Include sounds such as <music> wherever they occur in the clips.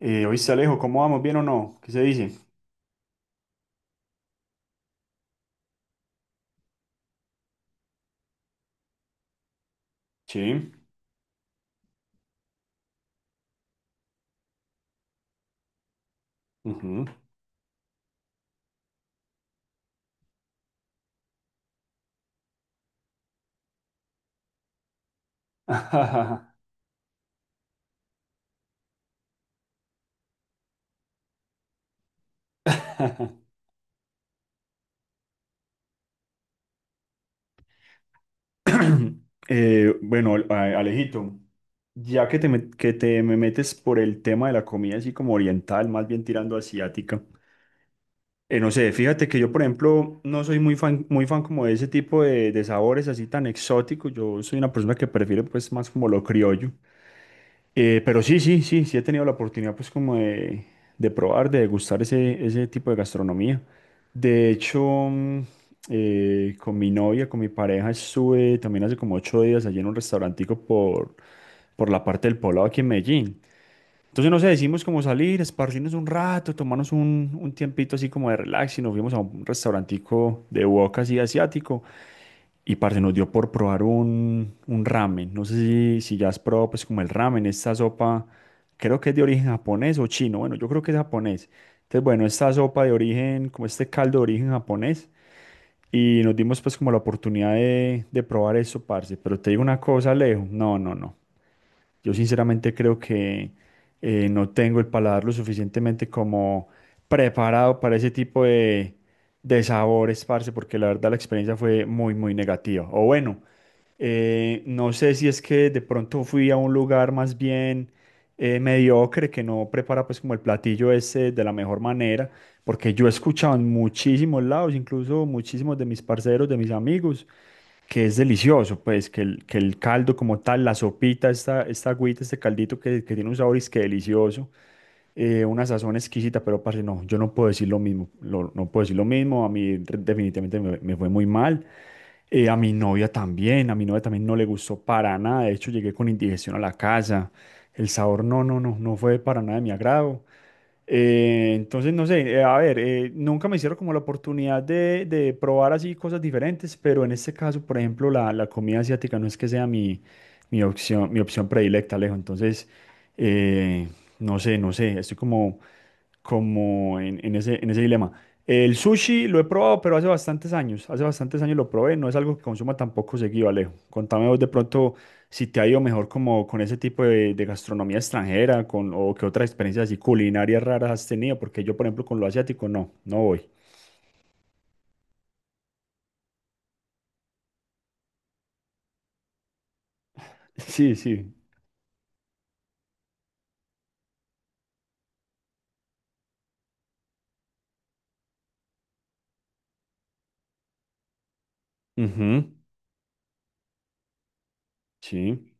Oíste, Alejo, ¿cómo vamos? ¿Bien o no? ¿Qué se dice? Sí. Ujú. <laughs> Bueno, Alejito, ya que que te me metes por el tema de la comida así como oriental, más bien tirando asiática, no sé, fíjate que yo, por ejemplo, no soy muy fan como de ese tipo de sabores así tan exóticos. Yo soy una persona que prefiere pues más como lo criollo. Pero sí, sí, sí, sí he tenido la oportunidad pues como de probar, de degustar ese tipo de gastronomía. De hecho, mm, con mi novia, con mi pareja, estuve también hace como 8 días allí en un restaurantico por la parte del Poblado aquí en Medellín. Entonces, no sé, decimos como salir, esparcirnos un rato, tomarnos un tiempito así como de relax y nos fuimos a un restaurantico de wok así asiático. Y parce, nos dio por probar un ramen. No sé si ya has probado pues como el ramen, esta sopa, creo que es de origen japonés o chino. Bueno, yo creo que es japonés. Entonces, bueno, esta sopa de origen, como este caldo de origen japonés. Y nos dimos pues como la oportunidad de probar eso, parce. Pero te digo una cosa, Alejo. No, no, no. Yo sinceramente creo que no tengo el paladar lo suficientemente como preparado para ese tipo de sabores, parce, porque la verdad la experiencia fue muy, muy negativa. O bueno, no sé si es que de pronto fui a un lugar más bien mediocre que no prepara pues como el platillo ese de la mejor manera, porque yo he escuchado en muchísimos lados, incluso muchísimos de mis parceros, de mis amigos que es delicioso, pues, que el caldo como tal, la sopita, esta agüita, este caldito que tiene un sabor es que delicioso, una sazón exquisita, pero parce, no, yo no puedo decir lo mismo, no puedo decir lo mismo, definitivamente me fue muy mal, a mi novia también, a mi novia también no le gustó para nada, de hecho llegué con indigestión a la casa, el sabor no, no, no, no fue para nada de mi agrado, entonces, no sé, a ver, nunca me hicieron como la oportunidad de probar así cosas diferentes, pero en este caso, por ejemplo, la comida asiática no es que sea mi opción, mi opción predilecta, Alejo. Entonces, eh, no sé, no sé, estoy como en, en ese dilema. El sushi lo he probado, pero hace bastantes años. Hace bastantes años lo probé. No es algo que consuma tampoco seguido, Alejo. Contame vos de pronto si te ha ido mejor como con ese tipo de gastronomía extranjera o qué otras experiencias así culinarias raras has tenido. Porque yo, por ejemplo, con lo asiático no, no voy. <laughs> Sí, sí. Ujú. Sí.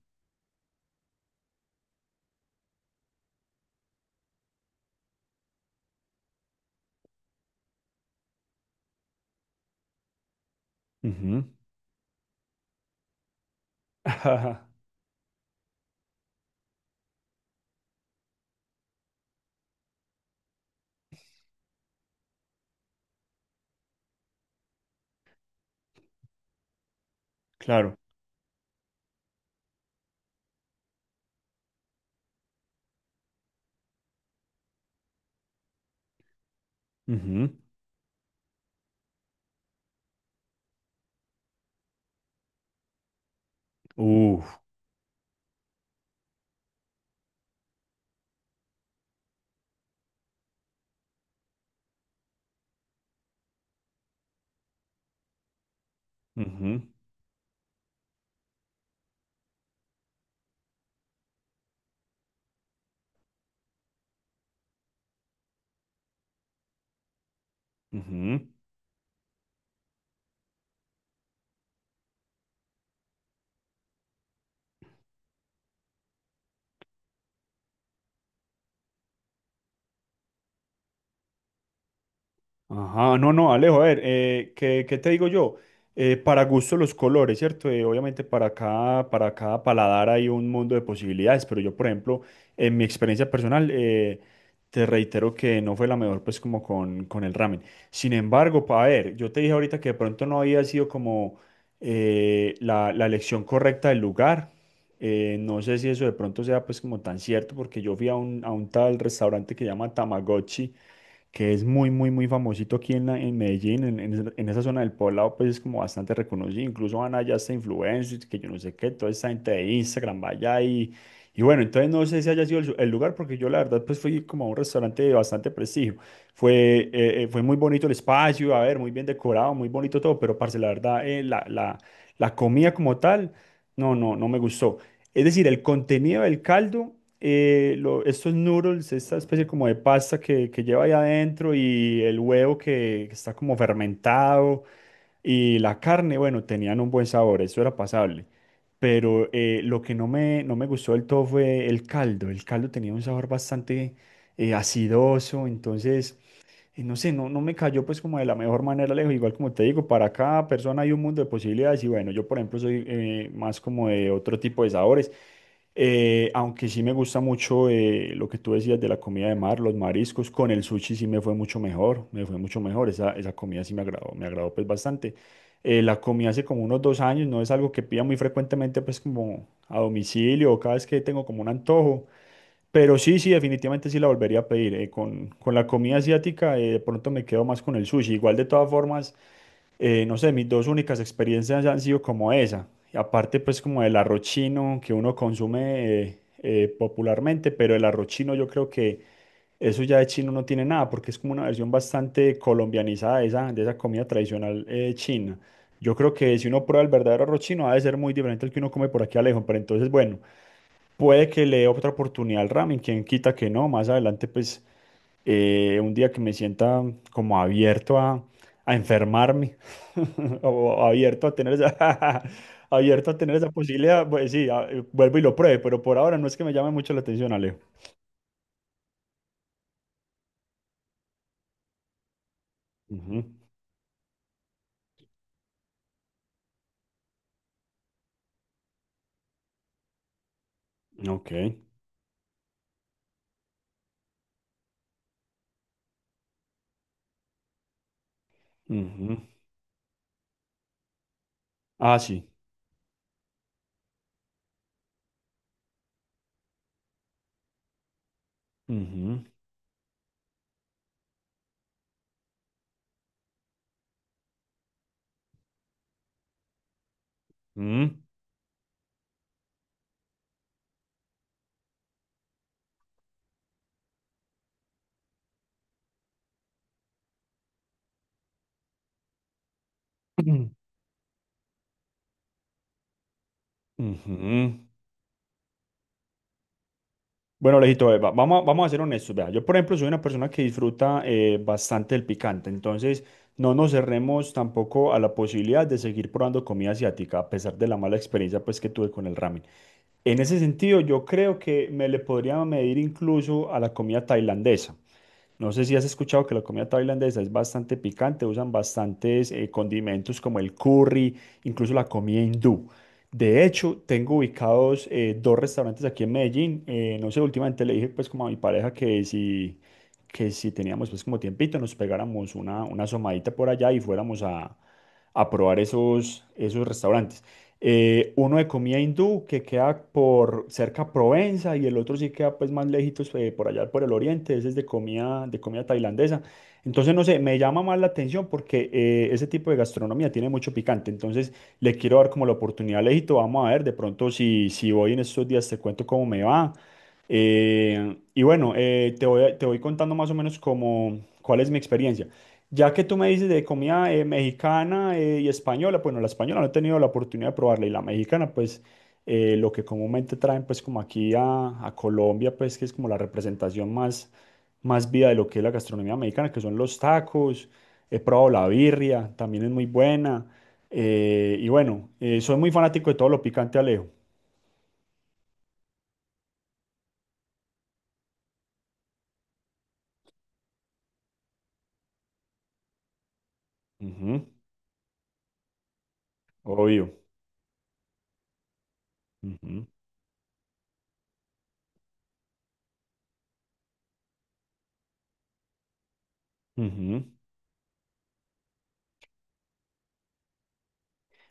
Ujú. <laughs> Claro. Ujú. Uf. Ujú. Ujú. Ajá, no, no, Alejo, a ver, ¿qué te digo yo? Para gusto los colores, ¿cierto? Obviamente para cada paladar hay un mundo de posibilidades, pero yo, por ejemplo, en mi experiencia personal, te reitero que no fue la mejor, pues, como con el ramen. Sin embargo, para ver, yo te dije ahorita que de pronto no había sido como la elección correcta del lugar. No sé si eso de pronto sea, pues, como tan cierto, porque yo fui a un tal restaurante que se llama Tamagotchi que es muy, muy, muy famosito aquí en Medellín, en esa zona del Poblado, pues es como bastante reconocido. Incluso van allá hasta influencers, que yo no sé qué, toda esta gente de Instagram va allá y bueno, entonces no sé si haya sido el lugar, porque yo la verdad pues fui como a un restaurante de bastante prestigio. Fue muy bonito el espacio, a ver, muy bien decorado, muy bonito todo, pero parce, la verdad, la comida como tal, no, no, no me gustó. Es decir, el contenido del caldo, estos noodles, esta especie como de pasta que lleva ahí adentro y el huevo que está como fermentado y la carne, bueno, tenían un buen sabor, eso era pasable. Pero lo que no me gustó del todo fue el caldo. El caldo tenía un sabor bastante acidoso, entonces, no sé, no, no me cayó pues como de la mejor manera, lejos. Igual como te digo, para cada persona hay un mundo de posibilidades y bueno, yo por ejemplo soy más como de otro tipo de sabores. Aunque sí me gusta mucho lo que tú decías de la comida de mar, los mariscos, con el sushi sí me fue mucho mejor, me fue mucho mejor, esa comida sí me agradó pues bastante. La comí hace como unos 2 años, no es algo que pida muy frecuentemente pues como a domicilio o cada vez que tengo como un antojo, pero sí, sí, definitivamente sí la volvería a pedir. Con la comida asiática de pronto me quedo más con el sushi, igual de todas formas no sé, mis dos únicas experiencias han sido como esa. Y aparte, pues, como el arroz chino que uno consume popularmente, pero el arroz chino yo creo que eso ya de chino no tiene nada, porque es como una versión bastante colombianizada de esa comida tradicional china. Yo creo que si uno prueba el verdadero arroz chino, ha de ser muy diferente al que uno come por aquí a lejos. Pero entonces, bueno, puede que le dé otra oportunidad al ramen, quien quita que no, más adelante, pues un día que me sienta como abierto a enfermarme <laughs> o abierto a tener esa, <laughs> abierto a tener esa posibilidad, pues sí, vuelvo y lo pruebe, pero por ahora no es que me llame mucho la atención, Alejo. Ujú. Ok. Ujú. Ah, sí. Ujú. Mm. <clears throat> Ujú. Bueno, lejito, vamos a ser honestos. Vea. Yo, por ejemplo, soy una persona que disfruta bastante el picante, entonces no nos cerremos tampoco a la posibilidad de seguir probando comida asiática, a pesar de la mala experiencia pues, que tuve con el ramen. En ese sentido, yo creo que me le podría medir incluso a la comida tailandesa. No sé si has escuchado que la comida tailandesa es bastante picante, usan bastantes condimentos como el curry, incluso la comida hindú. De hecho, tengo ubicados dos restaurantes aquí en Medellín. No sé, últimamente le dije pues como a mi pareja que si teníamos pues como tiempito nos pegáramos una asomadita por allá y fuéramos a probar esos restaurantes. Uno de comida hindú que queda por cerca a Provenza y el otro sí queda pues más lejitos por allá por el oriente, ese es de comida tailandesa. Entonces, no sé, me llama más la atención porque ese tipo de gastronomía tiene mucho picante. Entonces, le quiero dar como la oportunidad a Lejito. Vamos a ver, de pronto si voy en estos días te cuento cómo me va. Y bueno, te voy contando más o menos como cuál es mi experiencia. Ya que tú me dices de comida mexicana y española, bueno, la española no he tenido la oportunidad de probarla y la mexicana, pues lo que comúnmente traen pues como aquí a Colombia, pues que es como la representación más viva de lo que es la gastronomía mexicana, que son los tacos, he probado la birria, también es muy buena, y bueno, soy muy fanático de todo lo picante, Alejo. Ujú, obvio. Ujú. Ujú.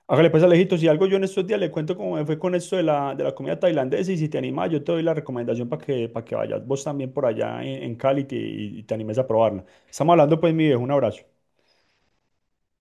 Hágale pues Alejito, si algo yo en estos días le cuento cómo me fue con esto de la comida tailandesa y si te animas yo te doy la recomendación para que vayas vos también por allá en Cali, y te animes a probarla. Estamos hablando pues mi viejo, un abrazo.